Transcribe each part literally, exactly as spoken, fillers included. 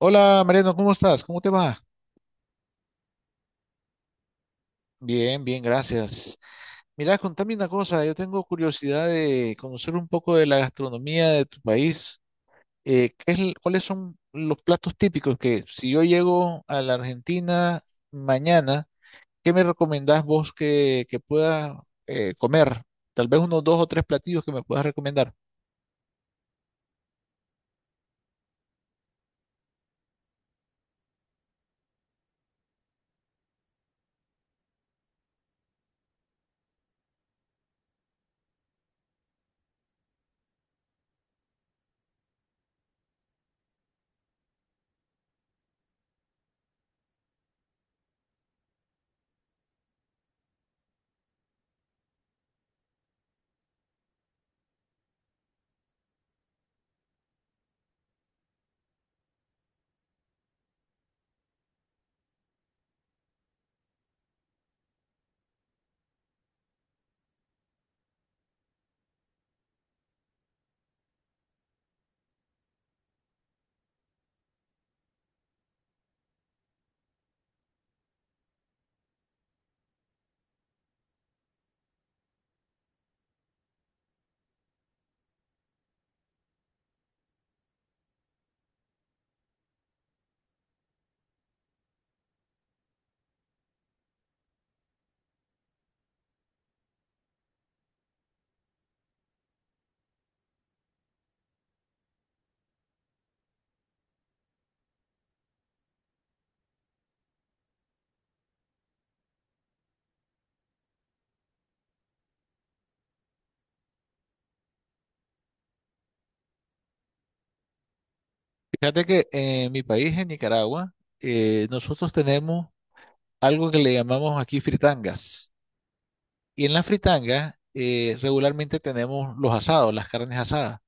Hola Mariano, ¿cómo estás? ¿Cómo te va? Bien, bien, gracias. Mira, contame una cosa, yo tengo curiosidad de conocer un poco de la gastronomía de tu país. Eh, ¿qué es, el- cuáles son los platos típicos que si yo llego a la Argentina mañana, ¿qué me recomendás vos que, que pueda eh, comer? Tal vez unos dos o tres platillos que me puedas recomendar. Fíjate que en mi país, en Nicaragua, eh, nosotros tenemos algo que le llamamos aquí fritangas. Y en la fritanga eh, regularmente tenemos los asados, las carnes asadas.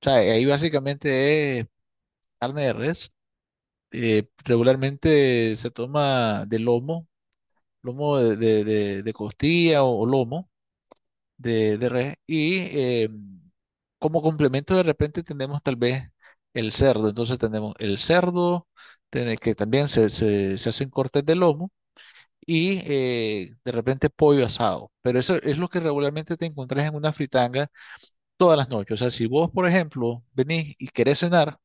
O sea, ahí básicamente es carne de res. Eh, regularmente se toma de lomo, lomo de, de- de- de costilla o, o lomo de, de res. Y eh, como complemento de repente tenemos tal vez el cerdo. Entonces tenemos el cerdo, tiene- que también se, se- se hacen cortes de lomo. Y eh, de repente pollo asado. Pero eso es lo que regularmente te encontrás en una fritanga todas las noches. O sea, si vos, por ejemplo, venís y querés cenar,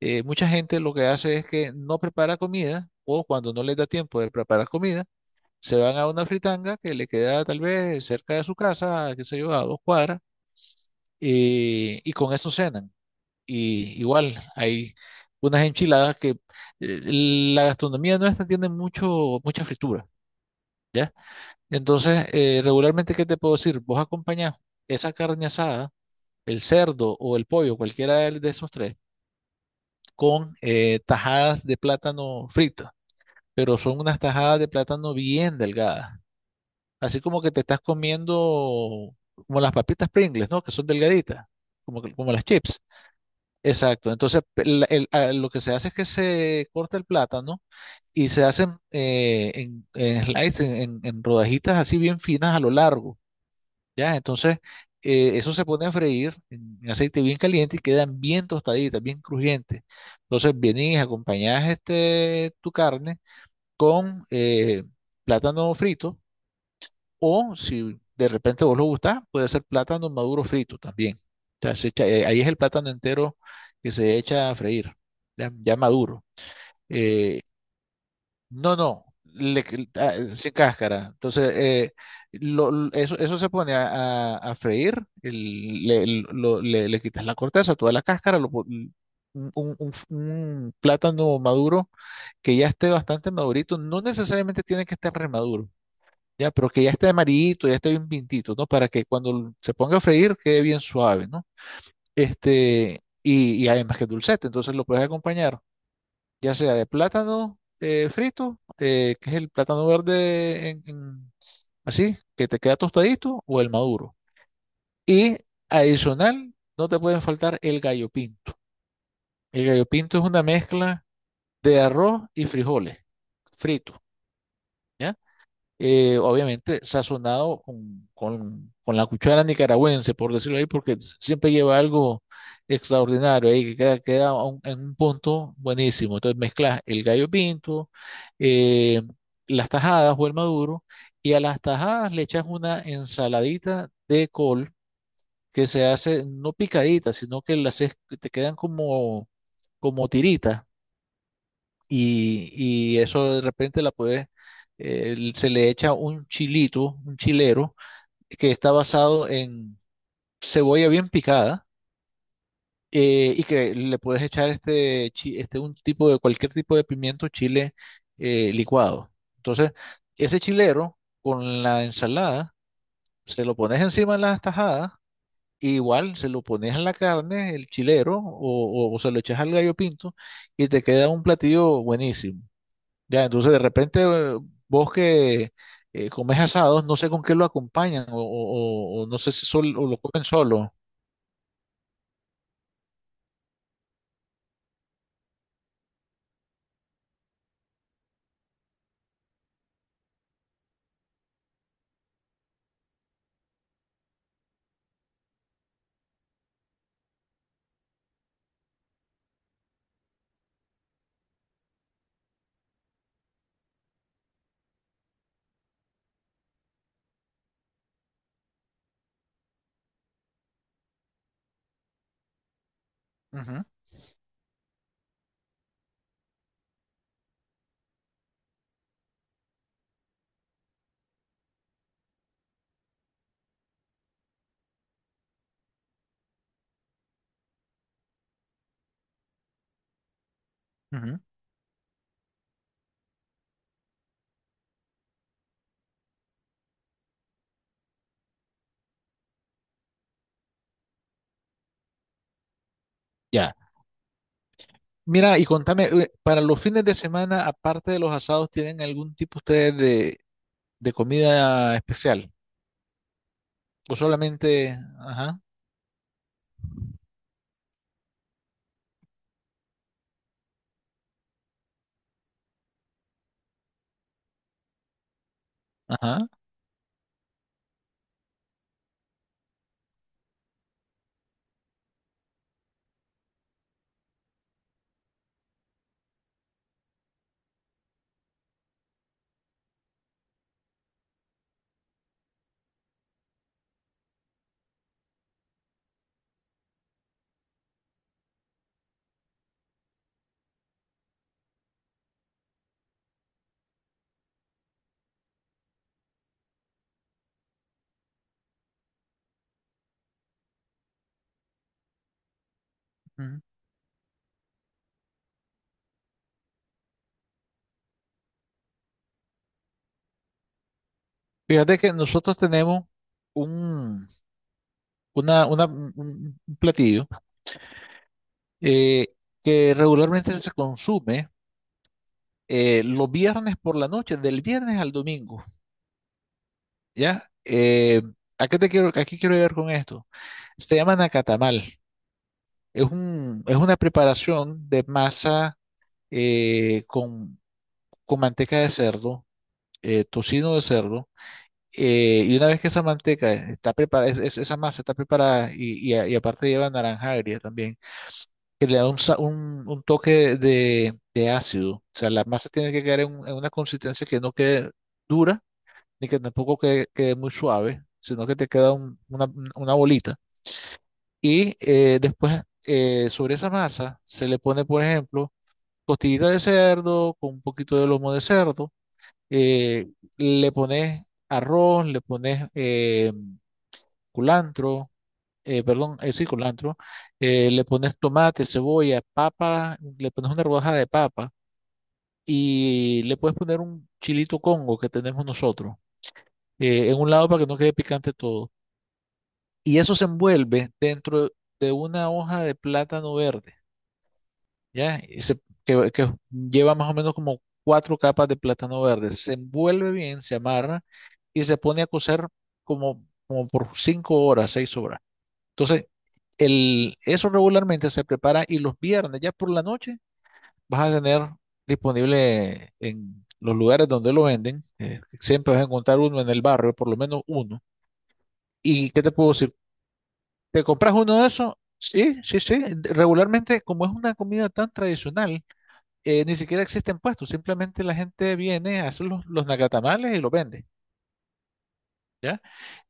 eh, mucha gente lo que hace es que no prepara comida o cuando no les da tiempo de preparar comida, se van a una fritanga que le queda tal vez cerca de su casa, qué sé yo, a dos cuadras, eh, y con eso cenan. Y igual hay unas enchiladas que eh, la gastronomía nuestra tiene mucho, mucha fritura, ¿ya? Entonces, eh, regularmente, ¿qué te puedo decir? Vos acompañás esa carne asada el cerdo o el pollo, cualquiera de de esos tres, con eh, tajadas de plátano frito pero son unas tajadas de plátano bien delgadas, así como que te estás comiendo como las papitas Pringles, ¿no? Que son delgaditas, como, que- como las chips. Exacto, entonces pe- la- el- a- lo que se hace es que se corta el plátano y se hacen eh, en, en slices, en en- en rodajitas así bien finas a lo largo. Ya, entonces, eh, eso se pone a freír en, en aceite bien caliente y quedan bien tostaditas, bien crujientes. Entonces, vienes y acompañas este, tu carne con eh, plátano frito o si de repente vos lo gustás, puede ser plátano maduro frito también. O sea, se echa- eh, ahí es el plátano entero que se echa a freír, ya, ya maduro. Eh, no, no, le- ah, eh, sin cáscara. Entonces, eh, lo- lo- eso, eso se pone a, a- a freír, el- le, lo- le- le quitas la corteza, toda la cáscara, lo po- un, un- un plátano maduro que ya esté bastante madurito, no necesariamente tiene que estar remaduro, ya, pero que ya esté amarillito, ya esté bien pintito, ¿no? Para que cuando se ponga a freír quede bien suave, ¿no? Este, y, y además que es dulcete, entonces lo puedes acompañar ya sea de plátano eh, frito, eh, que es el plátano verde en- en- así, que te queda tostadito, o el maduro. Y adicional, no te pueden faltar el gallo pinto. El gallo pinto es una mezcla de arroz y frijoles fritos, ¿ya? eh, obviamente sazonado con, con- con la cuchara nicaragüense, por decirlo ahí, porque siempre lleva algo extraordinario ahí, que queda, queda a un- en un punto buenísimo. Entonces mezclas el gallo pinto, eh, las tajadas o el maduro, y a las tajadas le echas una ensaladita de col que se hace no picadita, sino que las te quedan como, como tiritas y, y eso de repente la puedes, eh, se le echa un chilito, un chilero, que está basado en cebolla bien picada, eh, y que le puedes echar este, chi- este un tipo de cualquier tipo de pimiento chile eh, licuado. Entonces, ese chilero con la ensalada, se lo pones encima de las tajadas, e igual se lo pones a la carne, el chilero, o, o o se lo echas al gallo pinto, y te queda un platillo buenísimo. Ya, entonces de repente eh, vos que eh, comes asados, no sé con qué lo acompañan o, o- o- o no sé si sol- o lo comen solo. Ujú, ujú. Ya. Mira, y contame, eh, para los fines de semana, aparte de los asados, ¿tienen algún tipo ustedes de, de comida especial? O solamente, ajá, ajá. ujú. Fíjate que nosotros tenemos un, una, una- un un platillo eh, que regularmente se consume. Eh, los viernes por la noche, del viernes al domingo, ¿ya? Eh, ¿a qué te quiero, aquí quiero llegar con esto? Se llama nacatamal. Es un, es una preparación de masa eh, con, con manteca de cerdo, eh, tocino de cerdo, eh, y una vez que esa manteca está preparada, es- es- esa masa está preparada y, y a- y aparte lleva naranja agria también, que le da un, sa- un- un toque de, de ácido. O sea, la masa tiene que quedar en, un- en una consistencia que no quede dura ni que tampoco quede, quede muy suave, sino que te queda un- una, una bolita. Y eh, después eh, sobre esa masa se le pone, por ejemplo, costillita de cerdo con un poquito de lomo de cerdo, eh, le pones arroz, le pones eh, culantro, eh, perdón, eh, sí, culantro, eh, le pones tomate, cebolla, papa, le pones una rodaja de papa y le puedes poner un chilito congo que tenemos nosotros eh, en un lado para que no quede picante todo. Y eso se envuelve dentro de una hoja de plátano verde, ¿ya? Y se- que, que lleva más o menos como cuatro capas de plátano verde. Se envuelve bien, se amarra y se pone a cocer como, como por cinco horas, seis horas. Entonces, el, eso regularmente se prepara y los viernes, ya por la noche, vas a tener disponible en los lugares donde lo venden. Eh, siempre vas a encontrar uno en el barrio, por lo menos uno. ¿Y qué te puedo decir? ¿Te compras uno de esos? Sí, sí, sí. Regularmente, como es una comida tan tradicional, eh, ni siquiera existen puestos. Simplemente la gente viene, hace los, los nacatamales y los vende, ¿ya?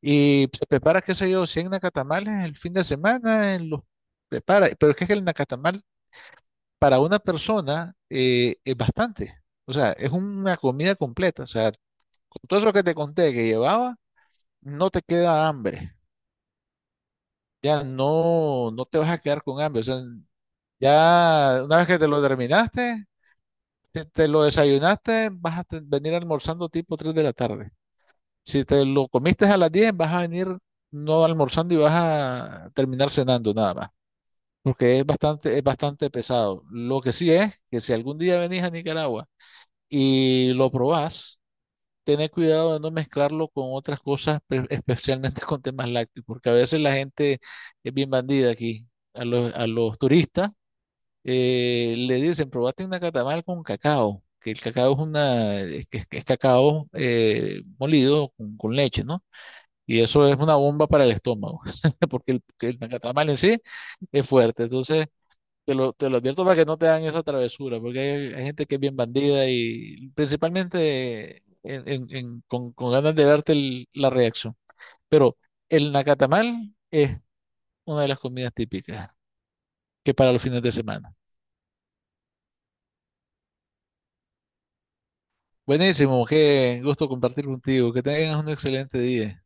Y se prepara, qué sé yo, cien nacatamales el fin de semana, eh, los prepara. Pero es que el nacatamal para una persona eh, es bastante. O sea, es una comida completa. O sea, con todo eso que te conté que llevaba, no te queda hambre. Ya no, no te vas a quedar con hambre. O sea, ya, una vez que te lo terminaste, si te lo desayunaste, vas a te- venir almorzando tipo tres de la tarde. Si te lo comiste a las diez, vas a venir no almorzando y vas a terminar cenando nada más. Porque es bastante, es bastante pesado. Lo que sí es que si algún día venís a Nicaragua y lo probás, tened cuidado de no mezclarlo con otras cosas, pre- especialmente con temas lácteos, porque a veces la gente es bien bandida aquí. A los, a los turistas eh, le dicen, probate una catamal con cacao, que el cacao es una, es, que- que es cacao eh, molido con, con leche, ¿no? Y eso es una bomba para el estómago, porque el, que el nacatamal en sí es fuerte. Entonces, te lo, te lo advierto para que no te hagan esa travesura, porque hay, hay gente que es bien bandida y principalmente en- en- en- con, con ganas de verte el- la reacción. Pero el nacatamal es una de las comidas típicas que para los fines de semana. Buenísimo, qué gusto compartir contigo. Que tengas un excelente día.